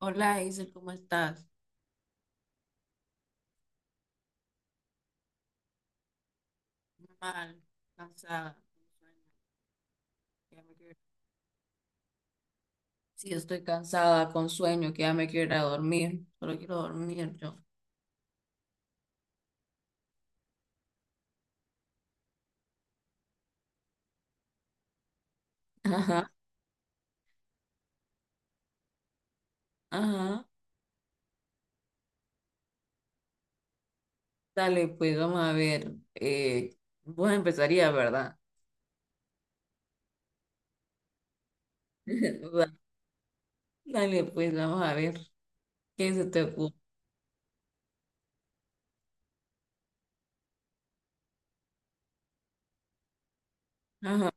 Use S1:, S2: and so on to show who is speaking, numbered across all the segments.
S1: Hola, Hazel, ¿cómo estás? Mal, cansada, con sueño, que ya me quiero ir. Sí, estoy cansada, con sueño, que ya me quiero ir a dormir. Solo quiero dormir yo. Ajá, ajá. Dale, pues vamos a ver. Vos empezarías, ¿verdad? Va, dale, pues vamos a ver. ¿Qué se te ocurre? Ajá,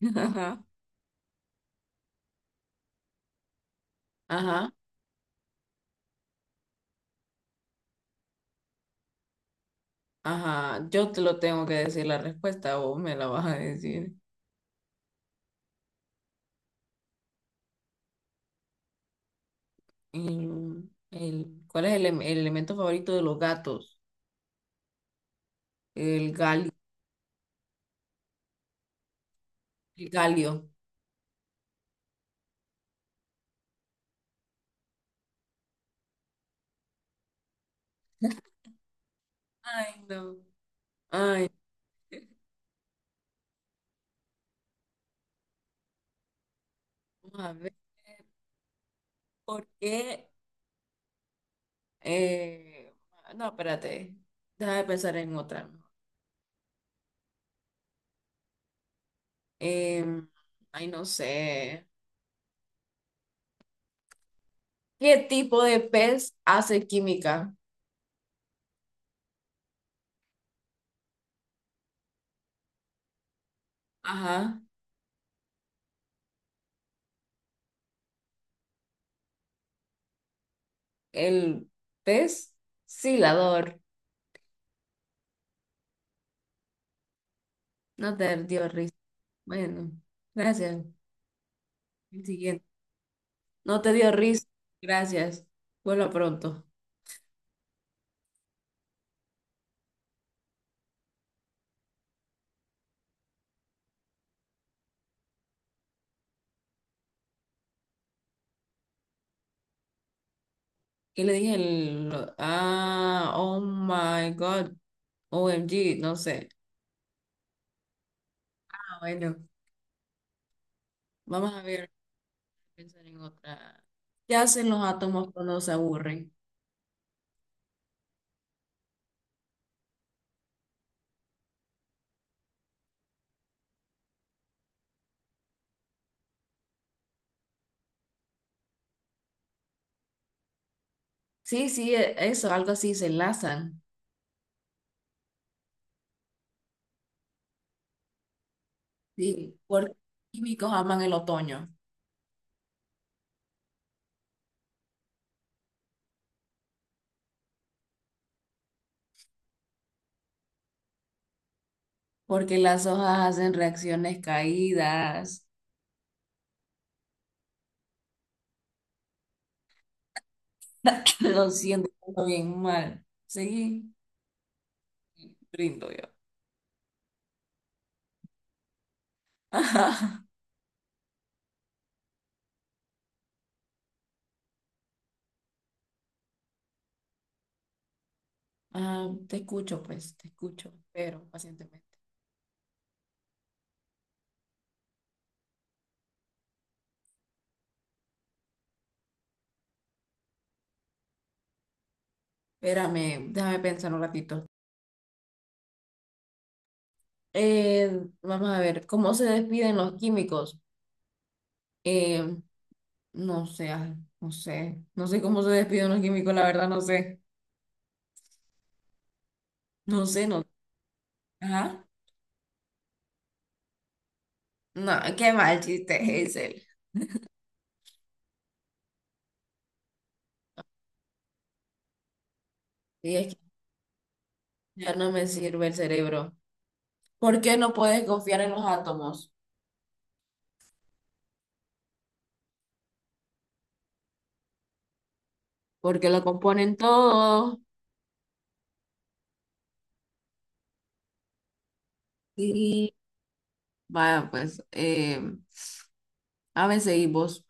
S1: ajá, ajá, ajá. Yo te lo tengo que decir la respuesta, vos me la vas a decir. Mm, ¿cuál es el elemento favorito de los gatos? El gal. El calio. Ay, no. Ay, vamos a ver. ¿Por qué? Eh, no, espérate. Deja de pensar en otra. Em, Ay, no sé. ¿Qué tipo de pez hace química? Ajá. El pez silador. No te dio risa. Bueno, gracias. El siguiente. No te dio risa. Gracias. Vuelva pronto. ¿Qué le dije? El... Ah, oh my God. OMG, no sé. Ah, bueno, vamos a ver, pensar en otra. ¿Qué hacen los átomos cuando se aburren? Sí, sí, eso, algo así, se enlazan. Sí, porque los químicos aman el otoño, porque las hojas hacen reacciones caídas. Lo siento todo bien mal. Seguí, rindo yo. Ajá. Ah, te escucho, pues, te escucho, pero pacientemente. Espérame, déjame pensar un ratito. Vamos a ver, ¿cómo se despiden los químicos? Eh, no sé, ay, no sé, no sé cómo se despide un químico, la verdad, no sé, no sé, no. Ajá. No, qué mal chiste, Hazel. Y es que ya no me sirve el cerebro. ¿Por qué no puedes confiar en los átomos? Porque lo componen todo. Y vaya, pues, a veces y vos.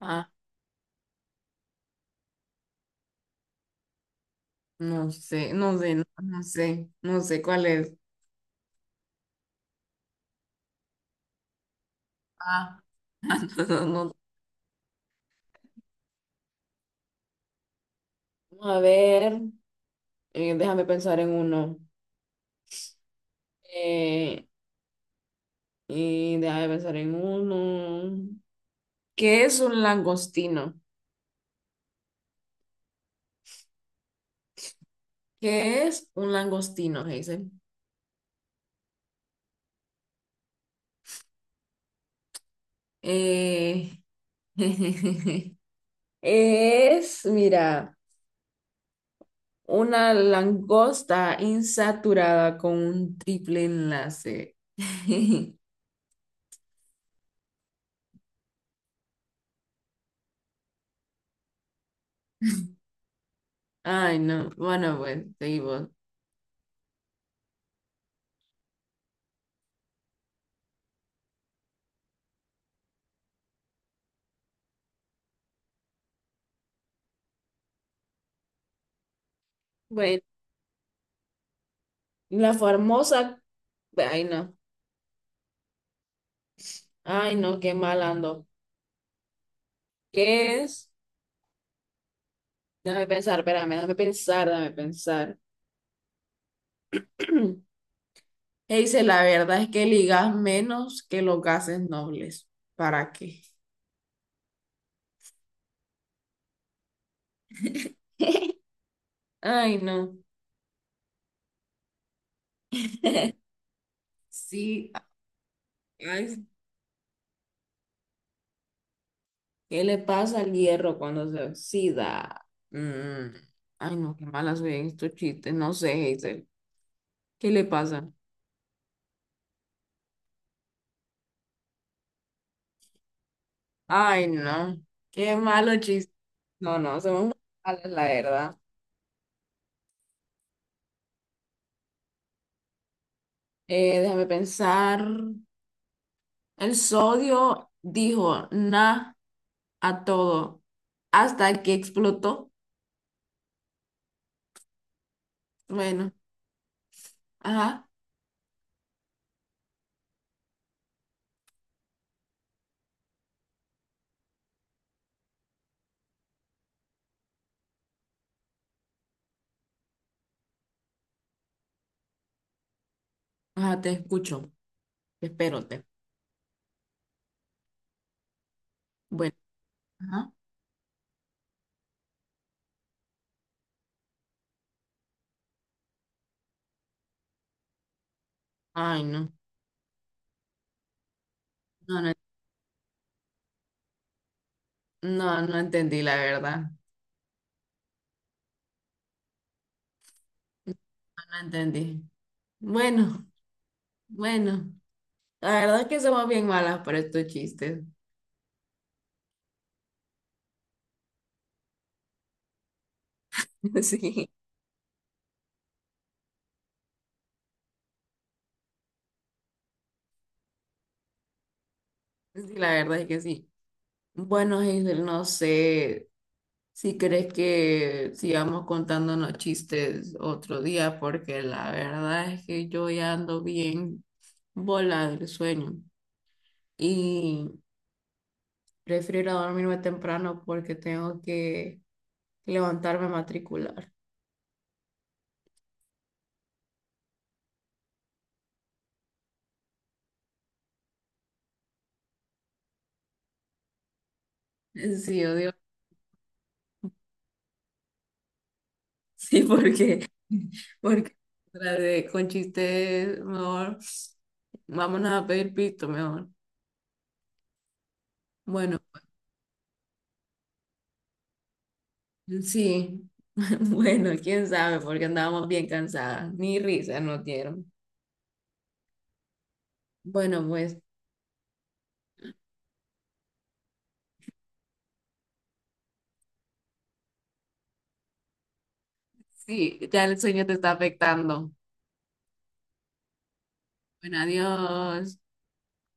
S1: Ah, no sé, no sé, no, no sé, no sé cuál es. Ah, no, no, no. A ver, déjame pensar en uno. Eh, Y deja de pensar en uno. ¿Qué es un langostino? ¿Qué es un langostino, Hazel? Eh, Es, mira, una langosta insaturada con un triple enlace. Ay, no. Bueno, pues, seguimos. Bueno, la famosa. Ay, no. Ay, no, qué mal ando. ¿Qué es? Déjame pensar, espérame, déjame pensar, déjame pensar. E dice, la verdad es que ligas menos que los gases nobles. ¿Para qué? Ay, no. Sí, ay, ¿qué le pasa al hierro cuando se oxida? Mm, ay, no, qué mala soy en estos chistes. No sé, Hazel. ¿Qué le pasa? Ay, no. Qué malo chiste. No, no, somos muy malas, la verdad. Déjame pensar. El sodio dijo, nah, a todo hasta que explotó. Bueno. Ajá, ajá, te escucho. Espérote. Bueno, ajá. Ay, no. No, no, no, no entendí, la verdad. No, no entendí. Bueno, bueno. La verdad es que somos bien malas para estos chistes. Sí, sí, la verdad es que sí. Bueno, Hazel, no sé si crees que sigamos contándonos chistes otro día, porque la verdad es que yo ya ando bien volada del sueño. Y prefiero ir a dormirme temprano porque tengo que levantarme a matricular. Sí, odio. Sí, porque, porque con chistes, mejor, vámonos a pedir pito, mejor. Bueno, sí, bueno, quién sabe, porque andábamos bien cansadas, ni risa nos dieron. Bueno, pues sí, ya el sueño te está afectando. Bueno, adiós.